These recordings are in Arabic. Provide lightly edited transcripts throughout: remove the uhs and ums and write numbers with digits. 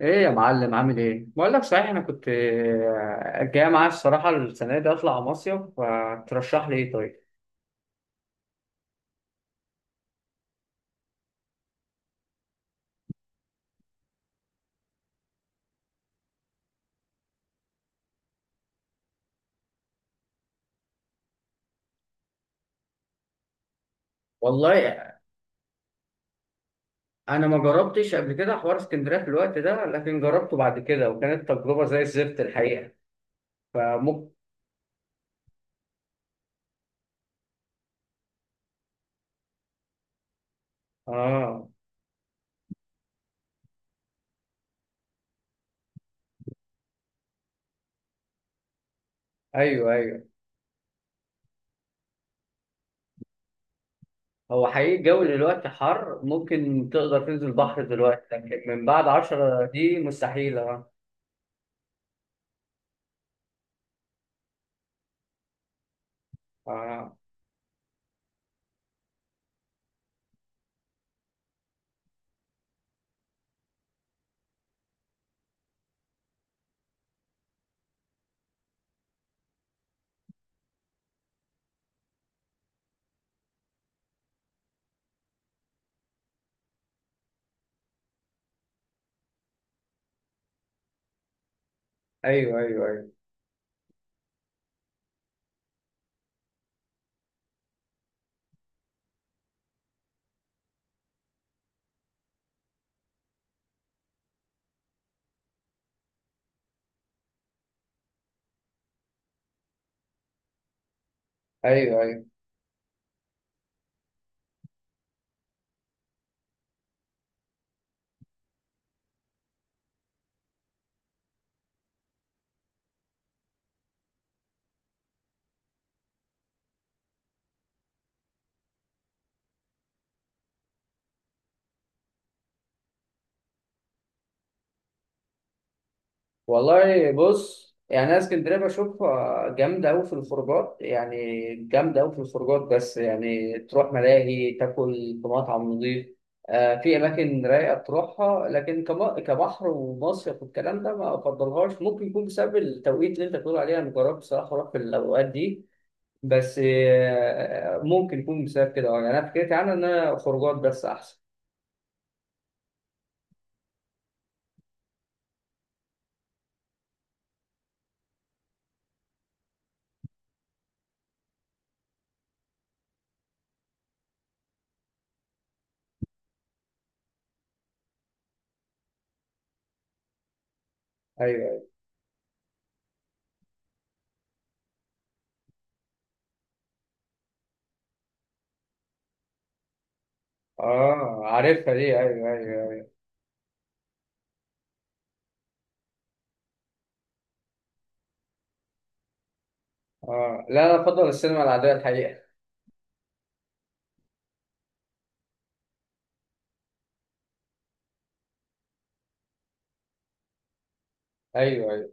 ايه يا معلم عامل ايه؟ بقول لك صحيح انا كنت جاي معايا الصراحه السنه دي اطلع مصيف، فترشح لي ايه طيب؟ والله انا ما جربتش قبل كده حوار اسكندريه في الوقت ده، لكن جربته بعد كده وكانت تجربه زي الزفت الحقيقه، فممكن. اه، ايوه ايوه. هو حقيقي الجو دلوقتي حر، ممكن تقدر تنزل بحر دلوقتي، لكن من بعد 10 دي مستحيله. اه. آه. ايوه ايوه ايوه ايوه أيوه. والله، بص يعني انا اسكندريه بشوفها جامده قوي في الخروجات، يعني جامده قوي في الخروجات، بس يعني تروح ملاهي تاكل في مطعم نظيف. آه في اماكن رايقه تروحها، لكن كبحر ومصيف والكلام ده ما افضلهاش. ممكن يكون بسبب التوقيت اللي انت بتقول عليه، انا جربت بصراحه اروح في الاوقات دي، بس ممكن يكون بسبب كده. يعني انا فكرتي عنها ان انا خروجات بس احسن. ايوه أيوة. اه، عارفها دي، ايوه ايوه. اه، لا انا افضل السينما العاديه الحقيقه. ايوه ايوه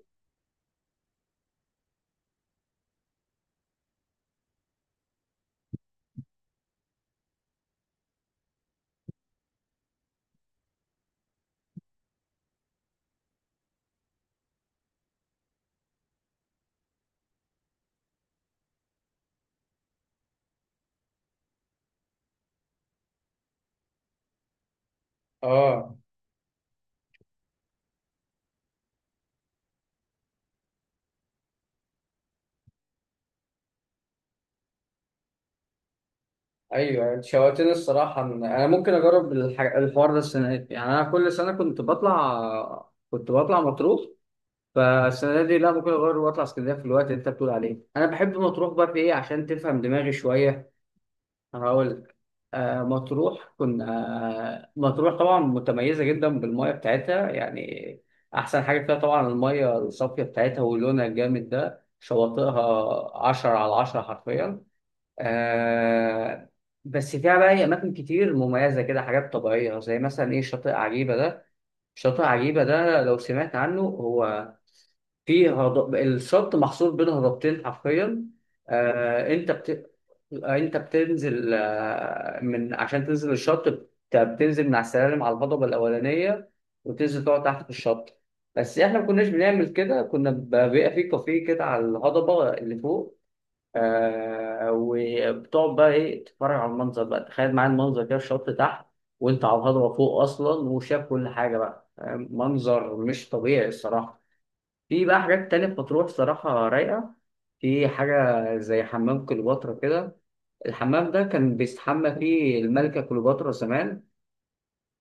اه. ايوه، أنت شوقتني الصراحه إن انا ممكن اجرب الحوار ده السنه دي. يعني انا كل سنه كنت بطلع مطروح، فالسنه دي لا، ممكن اجرب واطلع اسكندريه في الوقت اللي انت بتقول عليه. انا بحب مطروح بقى في ايه، عشان تفهم دماغي شويه. هقول لك. مطروح كنا، مطروح طبعا متميزه جدا بالميه بتاعتها يعني. احسن حاجه فيها طبعا الميه الصافيه بتاعتها ولونها الجامد ده، شواطئها 10 على 10 حرفيا. آه بس فيها بقى هي أماكن كتير مميزة كده، حاجات طبيعية زي مثلا إيه شاطئ عجيبة ده. شاطئ عجيبة ده لو سمعت عنه، هو فيه هضب، الشط محصور بين هضبتين حرفيا. آه أنت بت... أنت بتنزل من عشان تنزل الشط، بتنزل من على السلالم على الهضبة الأولانية، وتنزل تقعد تحت في الشط. بس إحنا ما كناش بنعمل كده، كنا بيبقى فيه كافيه كده على الهضبة اللي فوق. وبتقعد بقى ايه تتفرج على المنظر بقى، تخيل معايا المنظر كده، الشط تحت وانت على الهضبه فوق اصلا، وشاف كل حاجه بقى، منظر مش طبيعي الصراحه. في بقى حاجات تانية في مطروح صراحه رايقه. في حاجه زي حمام كليوباترا كده. الحمام ده كان بيستحمى فيه الملكه كليوباترا زمان.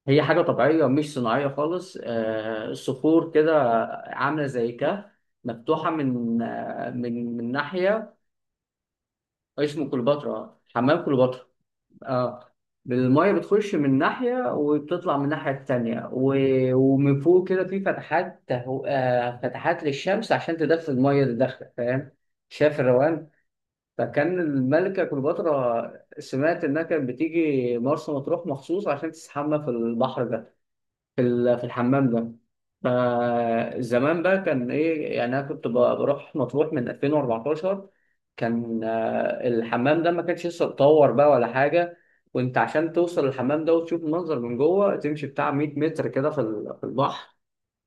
هي حاجه طبيعيه مش صناعيه خالص، صخور كده، عامله زي كهف، مفتوحه من آه من من ناحيه. اسمه كليوباترا، حمام كليوباترا. اه. المية بتخش من ناحية وبتطلع من الناحية التانية، ومن فوق كده في فتحات تهو... آه فتحات للشمس عشان تدخل المية اللي داخلة، فاهم؟ شايف الروان. فكان الملكة كليوباترا، سمعت إنها كانت بتيجي مرسى مطروح مخصوص عشان تستحمى في البحر ده، في الحمام ده. فزمان بقى كان ايه يعني، انا كنت بروح مطروح من 2014. كان الحمام ده ما كانش لسه اتطور بقى ولا حاجه. وانت عشان توصل الحمام ده وتشوف المنظر من جوه، تمشي بتاع 100 متر كده في البحر.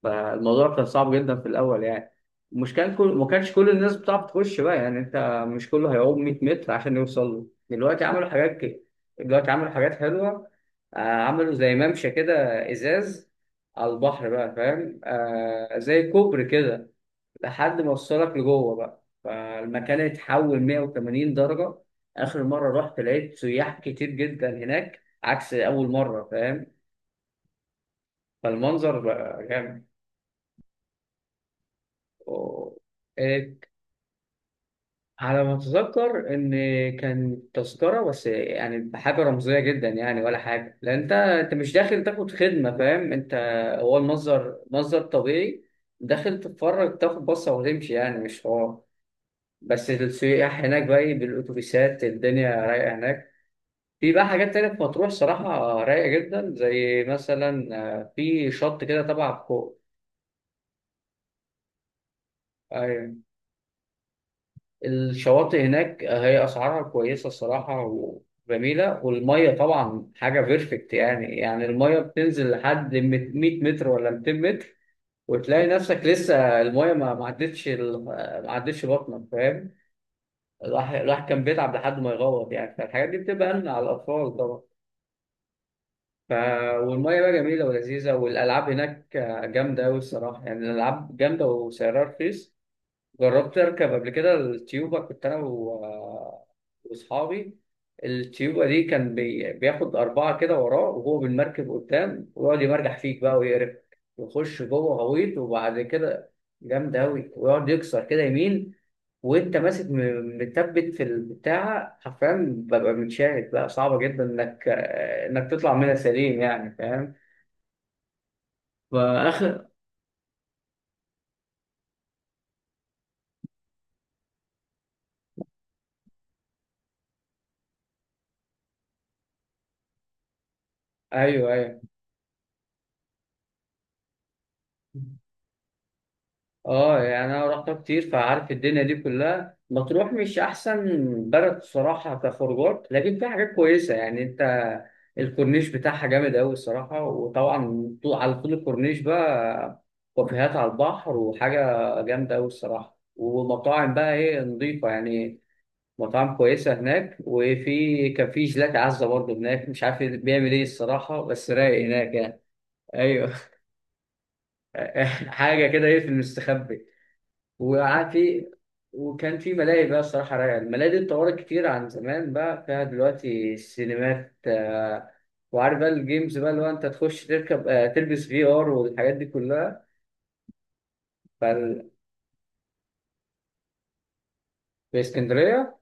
فالموضوع كان صعب جدا في الاول يعني. مش كان كل ما كانش كل الناس بتعرف تخش بقى، يعني انت مش كله هيعوم 100 متر عشان يوصل له. دلوقتي عملوا حاجات كده، دلوقتي عملوا حاجات حلوه. عملوا زي ممشى كده، ازاز، على البحر بقى فاهم؟ زي كوبري كده لحد ما وصلك لجوه بقى، فالمكان اتحول 180 درجه. اخر مره رحت لقيت سياح كتير جدا هناك عكس اول مره، فاهم؟ فالمنظر بقى جامد. و- على ما اتذكر ان كان تذكره، بس يعني بحاجه رمزيه جدا يعني، ولا حاجه، لان انت مش داخل تاخد خدمه، فاهم انت؟ هو المصدر، مصدر طبيعي. داخل تتفرج تاخد بصه وتمشي، يعني مش حوار. بس السياح هناك بقى إيه بالاتوبيسات، الدنيا رايقه هناك. في بقى حاجات تانية في مطروح صراحه رايقه جدا، زي مثلا في شط كده تبع فوق. الشواطئ هناك هي أسعارها كويسة الصراحة وجميلة، والمية طبعا حاجة بيرفكت. يعني المية بتنزل لحد 100 متر ولا 200 متر، وتلاقي نفسك لسه المية ما عدتش بطنك، فاهم؟ الواحد كان بيتعب لحد ما يغوط يعني، فالحاجات دي بتبقى أمن على الأطفال طبعا. ف... والمية بقى جميلة ولذيذة، والألعاب هناك جامدة أوي الصراحة. يعني الألعاب جامدة وسعرها رخيص. جربت اركب قبل كده التيوبا، كنت انا واصحابي. التيوبا دي كان بياخد اربعه كده وراه وهو بالمركب قدام، ويقعد يمرجح فيك بقى ويقرفك، يخش جوه غويط، وبعد كده جامد قوي، ويقعد يكسر كده يمين، وانت ماسك متثبت في البتاعه حرفيا، ببقى متشاهد بقى صعبه جدا انك تطلع منها سليم يعني، فاهم؟ فاخر. ايوه ايوه. اه، يعني انا رحتها كتير فعارف الدنيا دي كلها. مطروح مش احسن بلد الصراحه كخروجات، لكن فيها حاجات كويسه يعني. انت الكورنيش بتاعها جامد قوي الصراحه، وطبعا على طول الكورنيش بقى كافيهات على البحر وحاجه جامده قوي الصراحه، ومطاعم بقى ايه نظيفه يعني، مطاعم كويسه هناك. كان في جيلاتي عزه برضه هناك، مش عارف بيعمل ايه الصراحه، بس رايق هناك يعني. ايوه. حاجه كده ايه في المستخبي، وقعد في. وكان في ملاهي بقى الصراحة رايقة، الملاهي دي اتطورت كتير عن زمان، بقى فيها دلوقتي سينمات، وعارف بقى الجيمز بقى اللي هو انت تخش تركب، تلبس في ار والحاجات دي كلها. فال... في اسكندرية.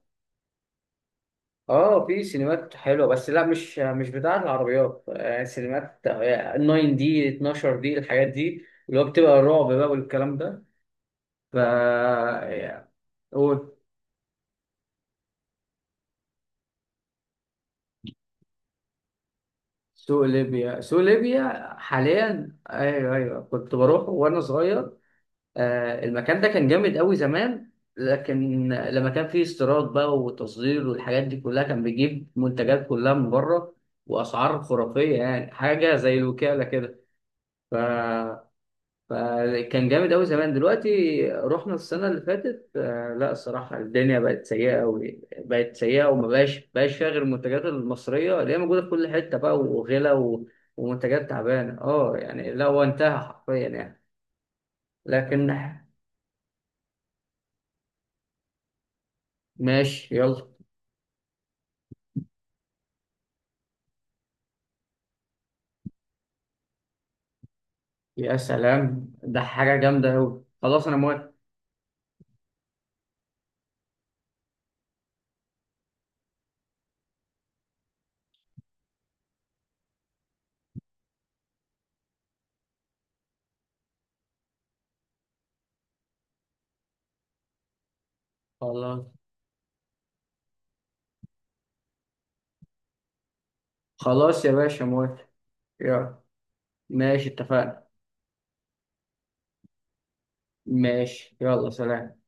اه في سينمات حلوة، بس لا، مش بتاعة العربيات، سينمات 9 دي 12 دي، الحاجات دي اللي هو بتبقى الرعب بقى والكلام ده. ف آه، سوق ليبيا، سوق ليبيا حاليا، ايوه ايوه كنت بروح وانا صغير. المكان ده كان جامد قوي زمان، لكن لما كان فيه استيراد بقى وتصدير والحاجات دي كلها، كان بيجيب منتجات كلها من بره، واسعار خرافيه، يعني حاجه زي الوكاله كده. ف فكان جامد أوي زمان. دلوقتي رحنا السنة اللي فاتت، لا الصراحة الدنيا بقت سيئة أوي، بقت سيئة، وما بقاش فيها غير المنتجات المصرية اللي هي موجودة في كل حتة بقى وغلا ومنتجات تعبانة. اه يعني لا، هو انتهى حرفيا يعني. لكن ماشي، يلا. يا سلام، ده حاجة جامدة أوي، خلاص أنا موافق. خلاص خلاص يا باشا، موافق. يلا، ماشي اتفقنا. ماشي يلا سلام.